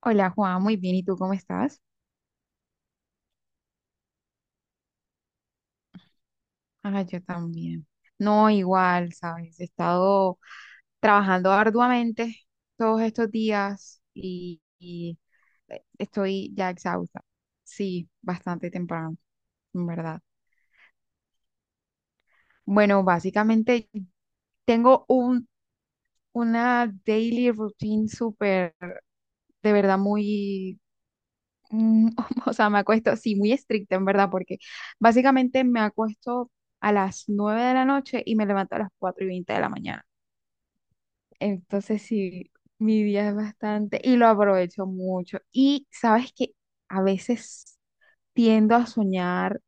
Hola Juan, muy bien. ¿Y tú cómo estás? Ah, yo también. No, igual, ¿sabes? He estado trabajando arduamente todos estos días estoy ya exhausta. Sí, bastante temprano, en verdad. Bueno, básicamente tengo una daily routine súper, de verdad, muy Mm, o sea, me acuesto, sí, muy estricta en verdad, porque básicamente me acuesto a las 9 de la noche y me levanto a las 4:20 de la mañana. Entonces, sí, mi día es bastante y lo aprovecho mucho. Y sabes que a veces tiendo a soñar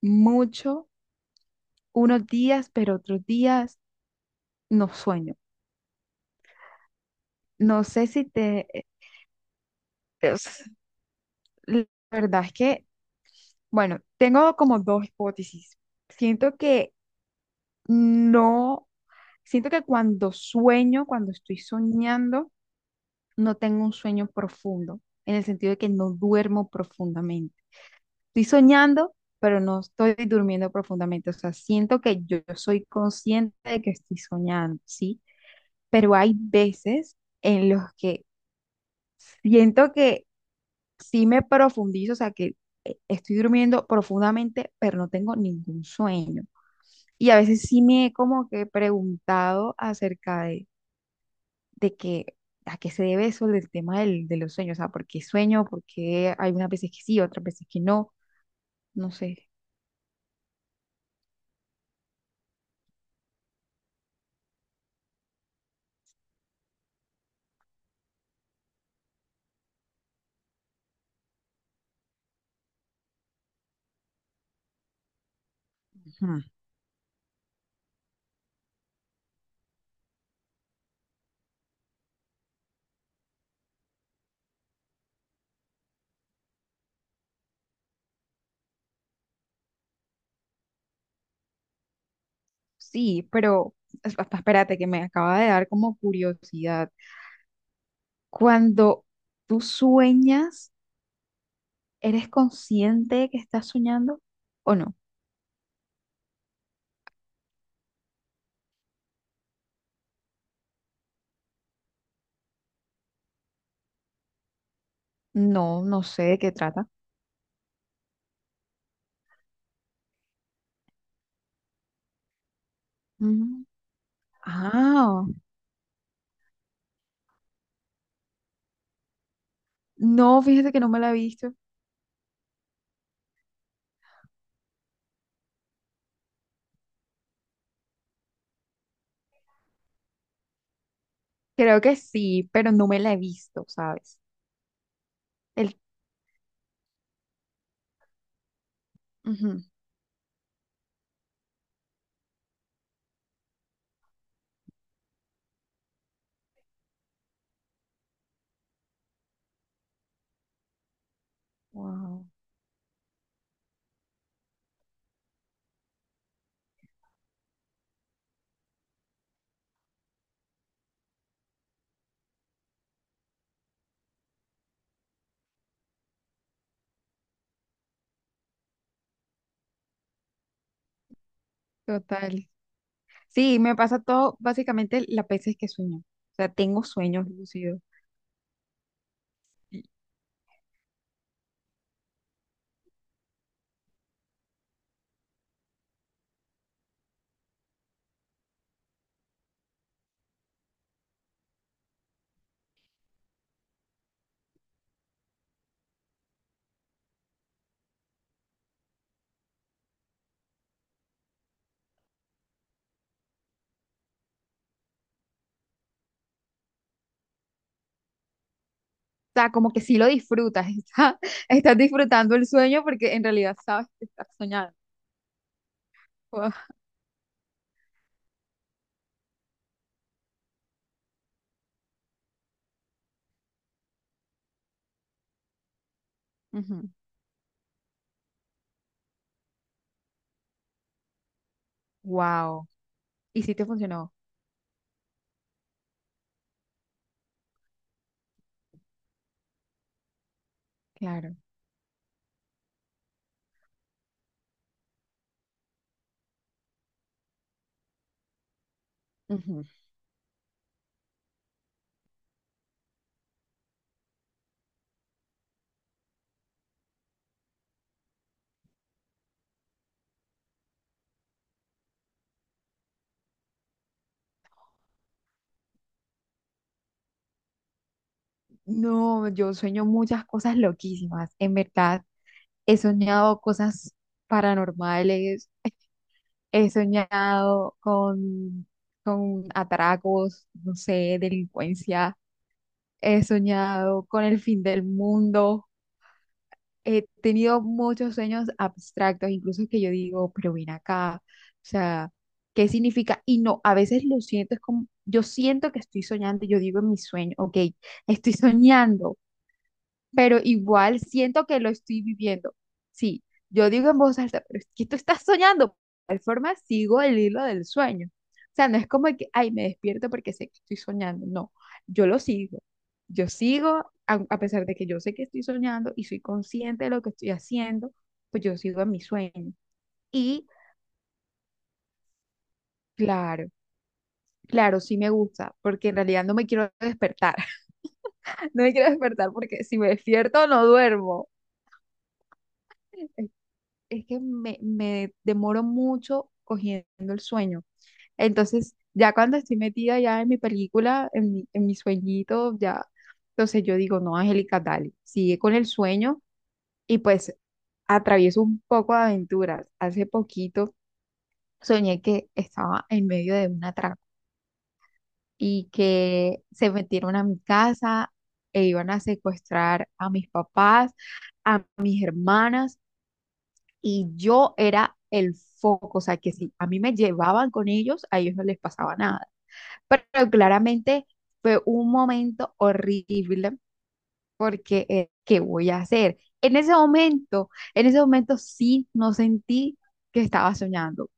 mucho unos días, pero otros días no sueño. No sé si te... es- la verdad es que, bueno, tengo como dos hipótesis. Siento que no. Siento que cuando sueño, cuando estoy soñando, no tengo un sueño profundo, en el sentido de que no duermo profundamente. Estoy soñando, pero no estoy durmiendo profundamente. O sea, siento que yo soy consciente de que estoy soñando, ¿sí? Pero hay veces en los que siento que sí me profundizo, o sea, que estoy durmiendo profundamente, pero no tengo ningún sueño. Y a veces sí me he como que preguntado acerca de que a qué se debe eso del tema del, de los sueños, o sea, por qué sueño, por qué hay unas veces que sí, otras veces que no, no sé. Ujú. Sí, pero espérate que me acaba de dar como curiosidad. Cuando tú sueñas, ¿eres consciente de que estás soñando o no? No, no sé de qué trata. Mm. Ah, no, fíjate que no me la he visto. Creo que sí, pero no me la he visto, ¿sabes? El, ujú, wow, total. Sí, me pasa todo, básicamente las veces que sueño. O sea, tengo sueños lúcidos. Y... O sea, como que sí lo disfrutas, está- estás disfrutando el sueño porque en realidad sabes que estás soñando. Ujú. Wow. ¿Y sí te funcionó? Claro. Ujú. No, yo sueño muchas cosas loquísimas. En verdad, he soñado cosas paranormales. He soñado con atracos, no sé, delincuencia. He soñado con el fin del mundo. He tenido muchos sueños abstractos, incluso que yo digo, pero ven acá, o sea, ¿qué significa? Y no, a veces lo siento, es como, yo siento que estoy soñando, yo digo en mi sueño, ok, estoy soñando, pero igual siento que lo estoy viviendo. Sí, yo digo en voz alta, pero es que tú estás soñando. De tal forma sigo el hilo del sueño. O sea, no es como que, ay, me despierto porque sé que estoy soñando. No, yo lo sigo. Yo sigo, a pesar de que yo sé que estoy soñando y soy consciente de lo que estoy haciendo, pues yo sigo en mi sueño. Y claro, claro, sí me gusta, porque en realidad no me quiero despertar. No me quiero despertar porque si me despierto no duermo. Es que me demoro mucho cogiendo el sueño. Entonces, ya cuando estoy metida ya en mi película, en mi sueñito, ya, entonces yo digo, no, Angélica, dale, sigue con el sueño y pues atravieso un poco de aventuras. Hace poquito soñé que estaba en medio de un atraco y que se metieron a mi casa e iban a secuestrar a mis papás, a mis hermanas y yo era el foco, o sea, que si a mí me llevaban con ellos, a ellos no les pasaba nada. Pero claramente fue un momento horrible porque ¿qué voy a hacer? En ese momento sí no sentí que estaba soñando.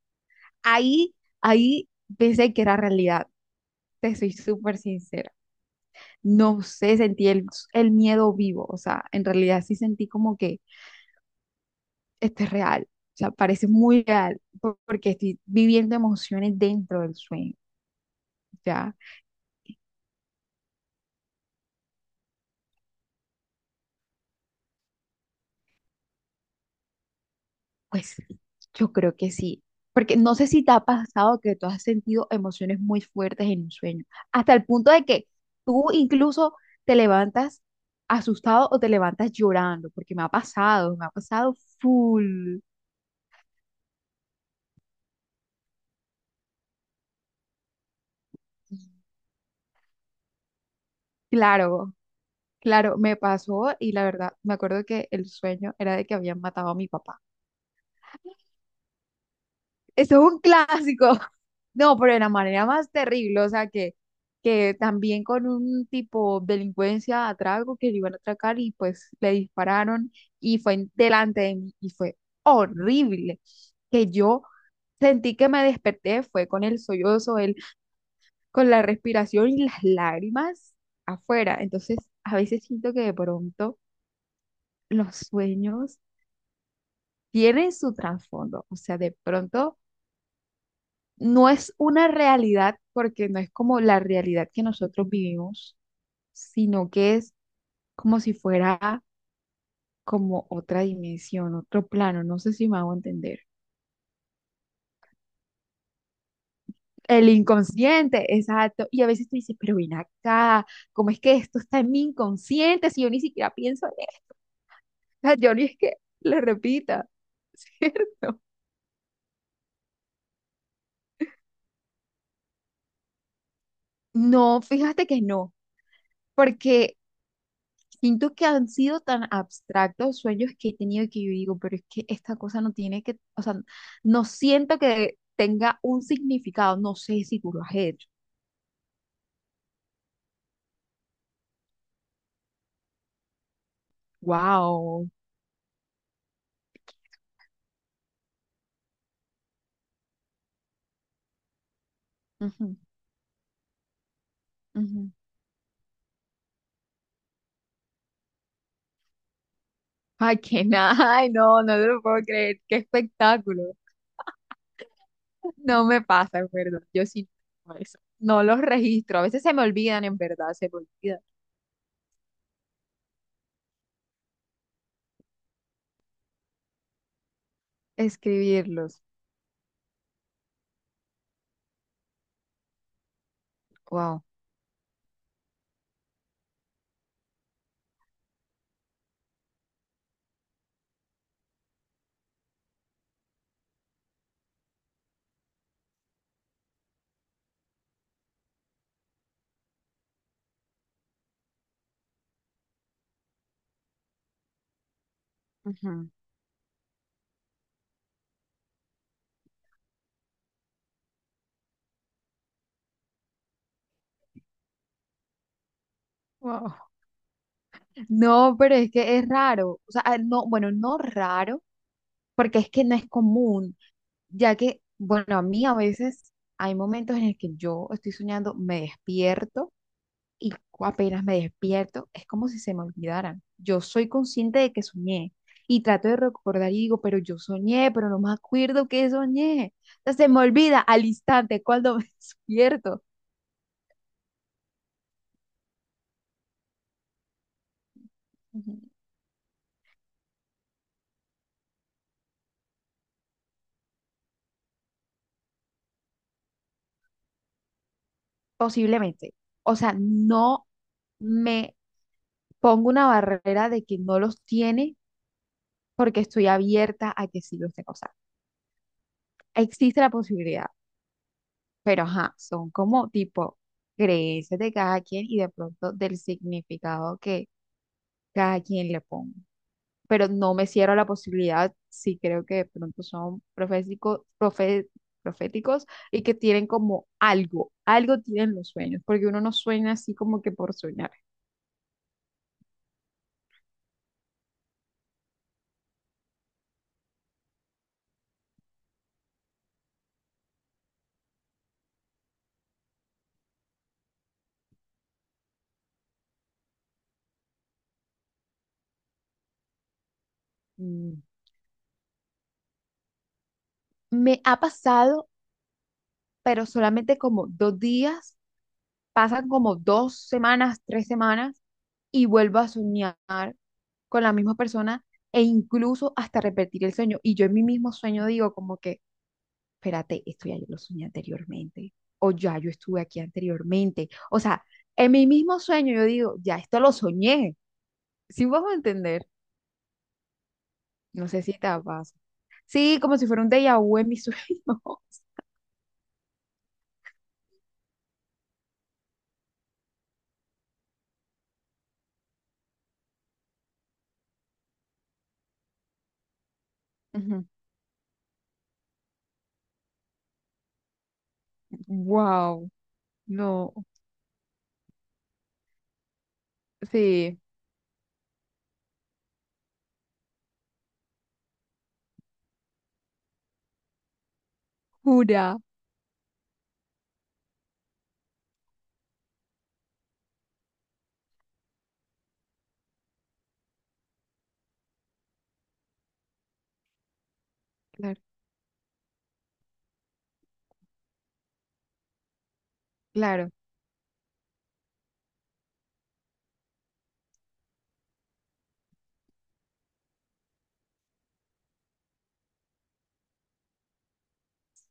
Ahí, ahí pensé que era realidad, te soy súper sincera. No sé, sentí el miedo vivo, o sea, en realidad sí sentí como que esto es real, o sea, parece muy real porque estoy viviendo emociones dentro del sueño, ¿ya? Pues yo creo que sí, porque no sé si te ha pasado que tú has sentido emociones muy fuertes en un sueño, hasta el punto de que tú incluso te levantas asustado o te levantas llorando, porque me ha pasado full. Claro, claro, me pasó y la verdad, me acuerdo que el sueño era de que habían matado a mi papá. Eso es un clásico. No, pero de la manera más terrible, o sea, que también con un tipo de delincuencia a trago que le iban a atracar y pues le dispararon y fue delante de mí y fue horrible. Que yo sentí que me desperté, fue con el sollozo, con la respiración y las lágrimas afuera. Entonces, a veces siento que de pronto los sueños tienen su trasfondo, o sea, de pronto no es una realidad porque no es como la realidad que nosotros vivimos, sino que es como si fuera como otra dimensión, otro plano, no sé si me hago entender. El inconsciente, exacto. Y a veces tú dices, pero ven acá, ¿cómo es que esto está en mi inconsciente si yo ni siquiera pienso en esto? Yo ni es que lo repita, ¿cierto? No, fíjate que no, porque siento que han sido tan abstractos sueños que he tenido que yo digo, pero es que esta cosa no tiene que, o sea, no siento que tenga un significado, no sé si tú lo has hecho. Wow. Ujú, ujú. Ay, que nada, ay, no, no te lo puedo creer, qué espectáculo. No me pasa, en verdad, yo sí no hago eso. No los registro, a veces se me olvidan, en verdad, se me olvida escribirlos. Wow. Ujú. Wow. No, pero es que es raro, o sea, ah, no, bueno, no raro, porque es que no es común, ya que, bueno, a mí a veces hay momentos en el que yo estoy soñando, me despierto y apenas me despierto, es como si se me olvidaran. Yo soy consciente de que soñé y trato de recordar y digo, pero yo soñé, pero no me acuerdo que soñé. O sea, se me olvida al instante cuando me despierto. Ujú. Posiblemente. O sea, no me pongo una barrera de que no los tiene porque estoy abierta a que sí los tenga. O sea, existe la posibilidad, pero ajá, son como tipo creencias de cada quien y de pronto del significado que cada quien le ponga. Pero no me cierro a la posibilidad, sí creo que de pronto son proféticos y que tienen como algo, algo tienen los sueños, porque uno no sueña así como que por soñar. Mm. Me ha pasado, pero solamente como 2 días, pasan como 2 semanas, 3 semanas y vuelvo a soñar con la misma persona e incluso hasta repetir el sueño. Y yo en mi mismo sueño digo como que, espérate, esto ya yo lo soñé anteriormente, o ya yo estuve aquí anteriormente. O sea, en mi mismo sueño yo digo, ya esto lo soñé. ¿Sí vas a entender? No sé si te pasa. Sí, como si fuera un déjà vu en mi sueño. Wow, no, sí, jura. Claro, claro,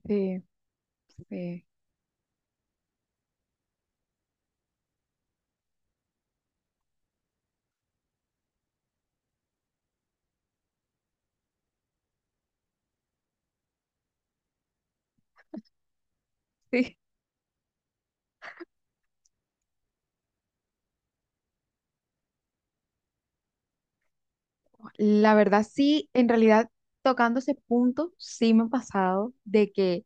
sí, sí. Sí. La verdad, sí, en realidad, tocando ese punto, sí me ha pasado de que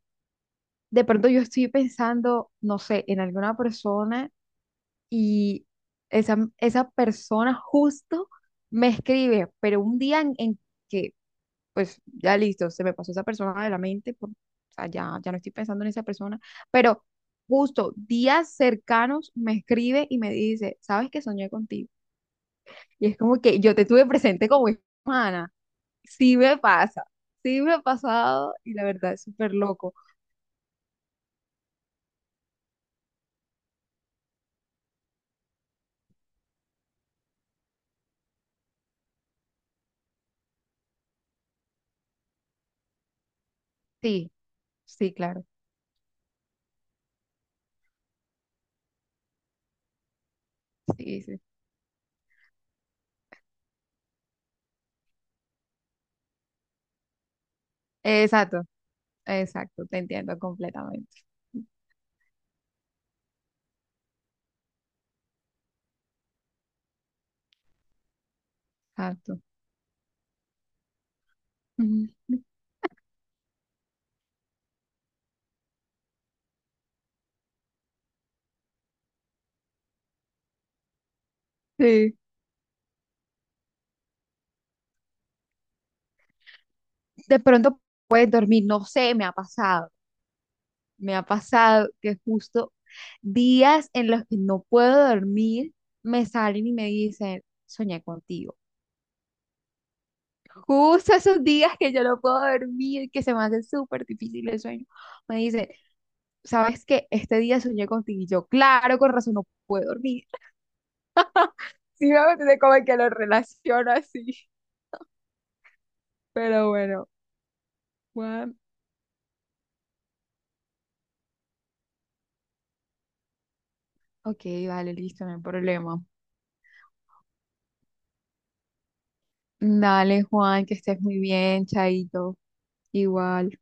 de pronto yo estoy pensando, no sé, en alguna persona y esa persona justo me escribe, pero un día en que, pues ya listo, se me pasó esa persona de la mente, o sea, ya no estoy pensando en esa persona, pero justo días cercanos me escribe y me dice, ¿sabes que soñé contigo? Y es como que yo te tuve presente como hermana. Sí me pasa, sí me ha pasado y la verdad es súper loco. Sí, sí, claro, sí, sí. Exacto, exacto, te entiendo completamente. Exacto. Ujú. Sí. De pronto puedes dormir, no sé, me ha pasado, que justo días en los que no puedo dormir me salen y me dicen, soñé contigo. Justo esos días que yo no puedo dormir, que se me hace súper difícil el sueño, me dicen sabes que este día soñé contigo y yo, claro, con razón no puedo dormir. Sí, me entiendes como que lo relaciono así. Pero bueno, Juan. Ok, vale, listo, no hay problema. Dale, Juan, que estés muy bien, chaito. Igual.